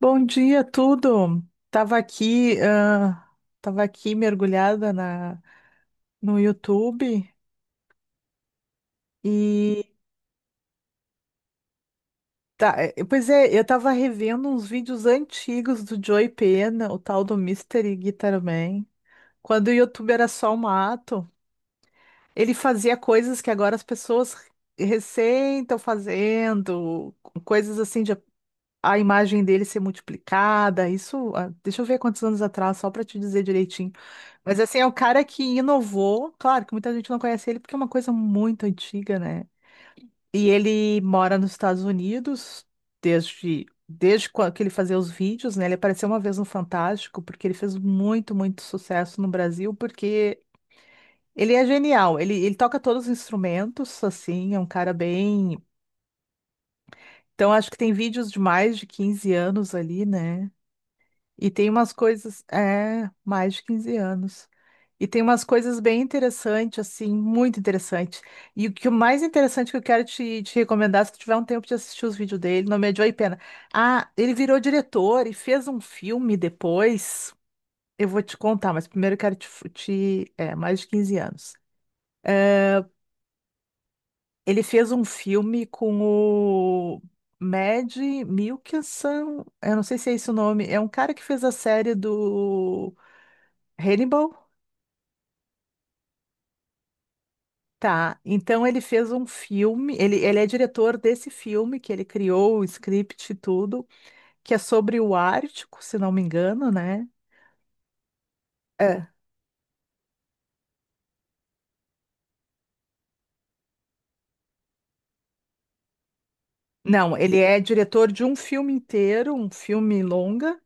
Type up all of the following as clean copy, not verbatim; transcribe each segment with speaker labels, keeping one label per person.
Speaker 1: Bom dia, tudo. Tava aqui, ah, tava aqui mergulhada no YouTube e tá, pois é, eu tava revendo uns vídeos antigos do Joey Pena, o tal do Mystery Guitar Man, quando o YouTube era só o mato. Ele fazia coisas que agora as pessoas recém estão fazendo, coisas assim de a imagem dele ser multiplicada. Isso, deixa eu ver quantos anos atrás, só para te dizer direitinho. Mas assim, é o cara que inovou. Claro que muita gente não conhece ele porque é uma coisa muito antiga, né? E ele mora nos Estados Unidos desde quando que ele fazia os vídeos, né? Ele apareceu uma vez no Fantástico porque ele fez muito, muito sucesso no Brasil porque ele é genial. Ele toca todos os instrumentos, assim, é um cara bem. Então acho que tem vídeos de mais de 15 anos ali, né? E tem umas coisas, é, mais de 15 anos. E tem umas coisas bem interessantes, assim, muito interessante. E o que o mais interessante que eu quero te recomendar, se tu tiver um tempo de assistir os vídeos dele, não me adiou e pena. Ah, ele virou diretor e fez um filme depois. Eu vou te contar, mas primeiro eu quero te, é, mais de 15 anos. É, ele fez um filme com o Mad Mikkelsen, eu não sei se é esse o nome, é um cara que fez a série do Hannibal? Tá. Então ele fez um filme, ele é diretor desse filme que ele criou o script e tudo, que é sobre o Ártico, se não me engano, né? É. Não, ele é diretor de um filme inteiro, um filme longa,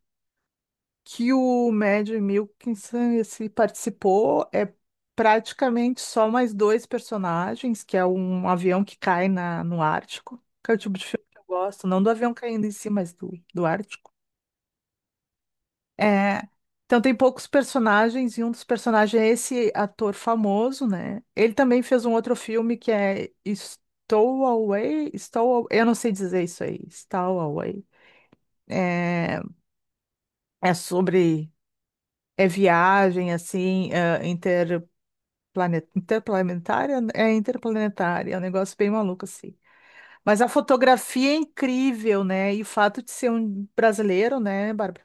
Speaker 1: que o Mad Mikkelsen esse, participou. É praticamente só mais dois personagens, que é um avião que cai no Ártico, que é o tipo de filme que eu gosto, não do avião caindo em si, mas do Ártico. É, então tem poucos personagens e um dos personagens é esse ator famoso, né? Ele também fez um outro filme que é Stowaway, Stow, eu não sei dizer isso aí, Stowaway. É, é sobre é viagem assim, interplanetária, é um negócio bem maluco assim. Mas a fotografia é incrível, né? E o fato de ser um brasileiro, né, Bárbara?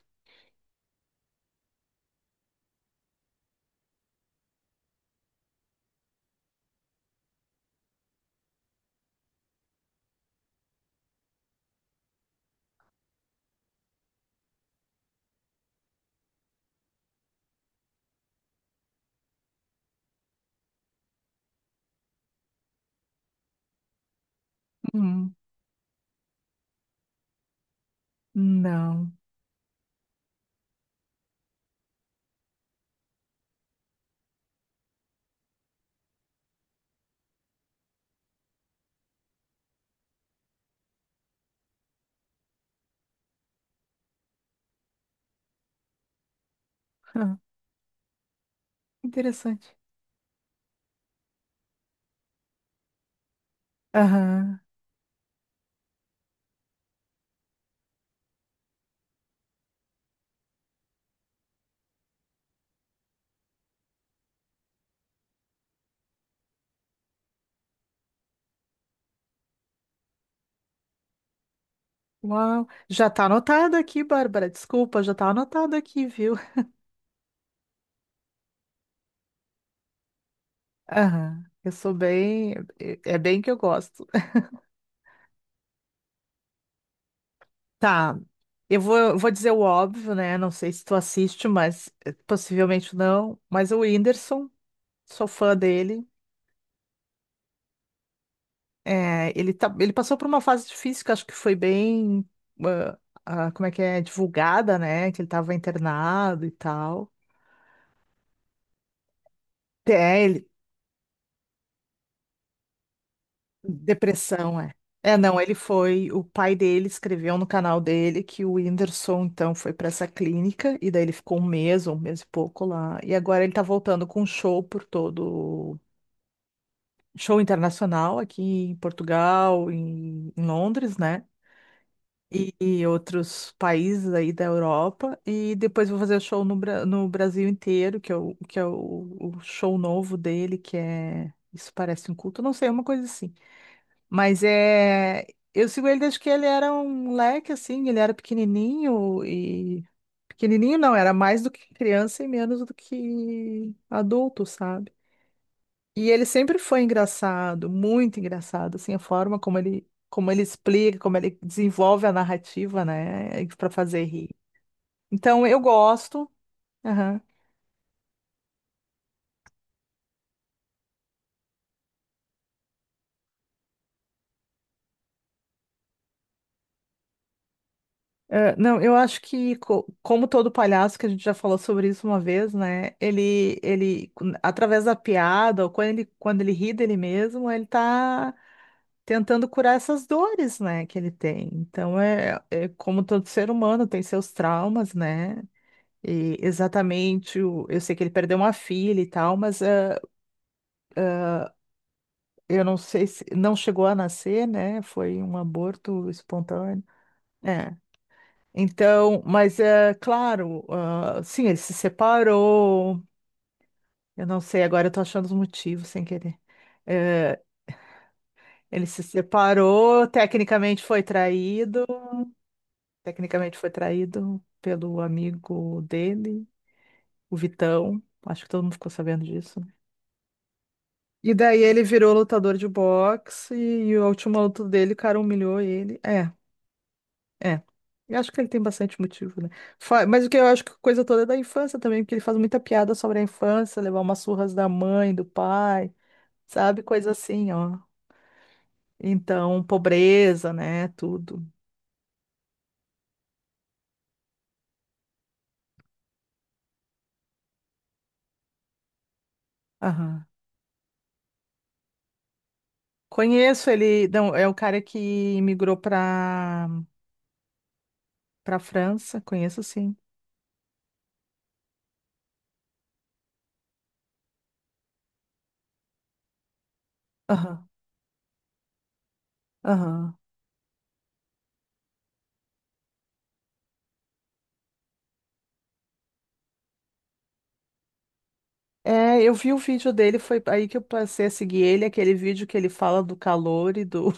Speaker 1: Hum, não. Interessante. Aham. Uau. Já tá anotado aqui, Bárbara. Desculpa, já tá anotado aqui, viu? Aham. Eu sou bem. É bem que eu gosto. Tá. Eu vou dizer o óbvio, né? Não sei se tu assiste, mas possivelmente não. Mas o Whindersson, sou fã dele. É, ele passou por uma fase difícil que acho que foi bem. ah, como é que é? Divulgada, né? Que ele estava internado e tal. É, ele depressão, é. É, não, ele foi. O pai dele escreveu no canal dele que o Whindersson, então, foi para essa clínica, e daí ele ficou um mês, ou um mês e pouco lá. E agora ele tá voltando com show por todo. Show internacional aqui em Portugal, em Londres, né? E outros países aí da Europa. E depois vou fazer show no Brasil inteiro, que é, o show novo dele, que é. Isso parece um culto, não sei, uma coisa assim. Mas é. Eu sigo ele desde que ele era um moleque, assim, ele era pequenininho e. Pequenininho não, era mais do que criança e menos do que adulto, sabe? E ele sempre foi engraçado, muito engraçado, assim, a forma como ele, explica, como ele desenvolve a narrativa, né, para fazer rir. Então eu gosto. É, não, eu acho que, como todo palhaço, que a gente já falou sobre isso uma vez, né? Ele, através da piada, ou quando ele ri dele mesmo, ele tá tentando curar essas dores, né, que ele tem. Então, é como todo ser humano, tem seus traumas, né? E exatamente, eu sei que ele perdeu uma filha e tal, mas é, eu não sei se não chegou a nascer, né? Foi um aborto espontâneo. É. Então, mas é claro, ah, sim, ele se separou. Eu não sei, agora eu tô achando os motivos sem querer. É, ele se separou, tecnicamente foi traído pelo amigo dele, o Vitão. Acho que todo mundo ficou sabendo disso, né? E daí ele virou lutador de boxe e a última luta dele, o cara humilhou ele. É. É. Eu acho que ele tem bastante motivo, né? Mas o que eu acho que a coisa toda é da infância também, porque ele faz muita piada sobre a infância, levar umas surras da mãe, do pai, sabe? Coisa assim, ó. Então, pobreza, né? Tudo. Aham. Conheço ele, não, é o cara que imigrou pra França, conheço sim. Aham, aham. É, eu vi o vídeo dele, foi aí que eu passei a seguir ele, aquele vídeo que ele fala do calor e do.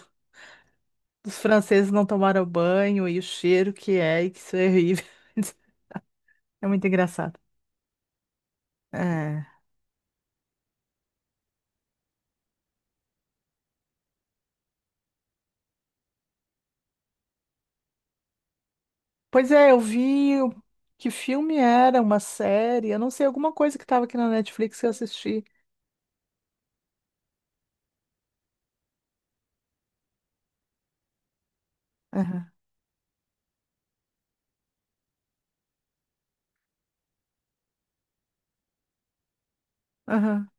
Speaker 1: Os franceses não tomaram banho e o cheiro que é, e que isso é horrível. É muito engraçado. É. Pois é, eu vi que filme era, uma série, eu não sei, alguma coisa que estava aqui na Netflix que eu assisti. Aham, aham,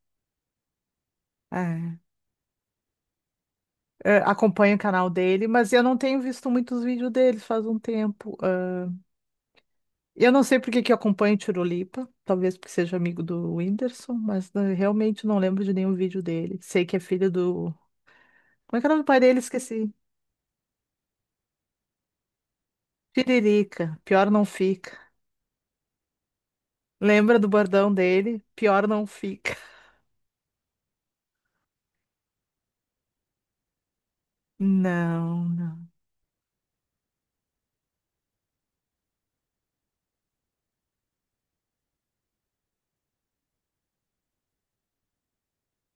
Speaker 1: é. É, acompanho o canal dele, mas eu não tenho visto muitos vídeos dele faz um tempo. Ah, eu não sei por que que eu acompanho o Tirolipa, talvez porque seja amigo do Whindersson, mas né, realmente não lembro de nenhum vídeo dele. Sei que é filho do. Como é que é o nome do pai dele? Esqueci. Tiririca, pior não fica. Lembra do bordão dele? Pior não fica. Não, não.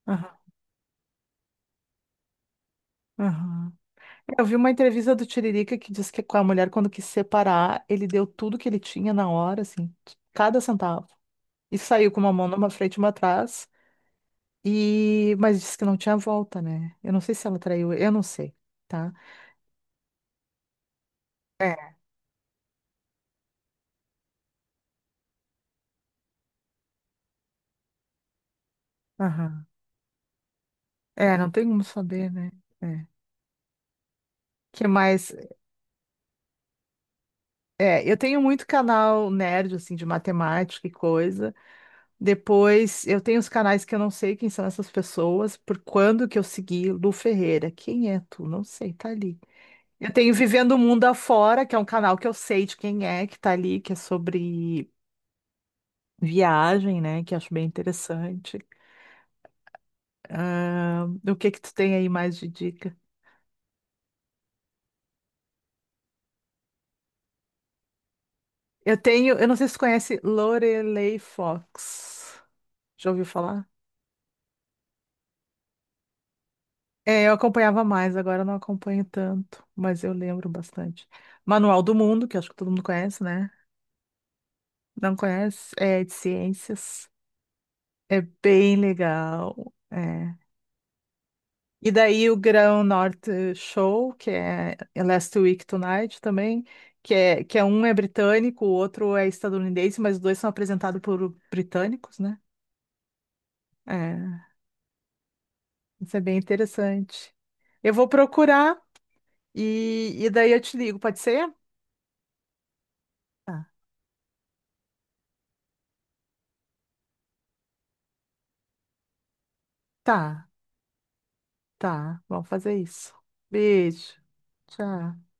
Speaker 1: Aham, aham. Eu vi uma entrevista do Tiririca que diz que com a mulher, quando quis separar, ele deu tudo que ele tinha na hora, assim, cada centavo. E saiu com uma mão numa frente e uma atrás. E, mas disse que não tinha volta, né? Eu não sei se ela traiu, eu não sei, tá? É, aham. É, não tem como saber, né? É. Que mais? É, eu tenho muito canal nerd, assim, de matemática e coisa. Depois, eu tenho os canais que eu não sei quem são essas pessoas, por quando que eu segui Lu Ferreira. Quem é tu? Não sei, tá ali. Eu tenho Vivendo o Mundo Afora, que é um canal que eu sei de quem é, que tá ali, que é sobre viagem, né? Que eu acho bem interessante. Ah, o que que tu tem aí mais de dica? Eu tenho, eu não sei se tu conhece Lorelei Fox. Já ouviu falar? É, eu acompanhava mais, agora eu não acompanho tanto, mas eu lembro bastante. Manual do Mundo, que eu acho que todo mundo conhece, né? Não conhece? É de ciências. É bem legal. É. E daí o Grão Norte Show, que é Last Week Tonight também, que é um, é britânico, o outro é estadunidense, mas os dois são apresentados por britânicos, né? É, isso é bem interessante. Eu vou procurar e daí eu te ligo, pode ser? Tá, tá, tá. Vamos fazer isso. Beijo. Tchau.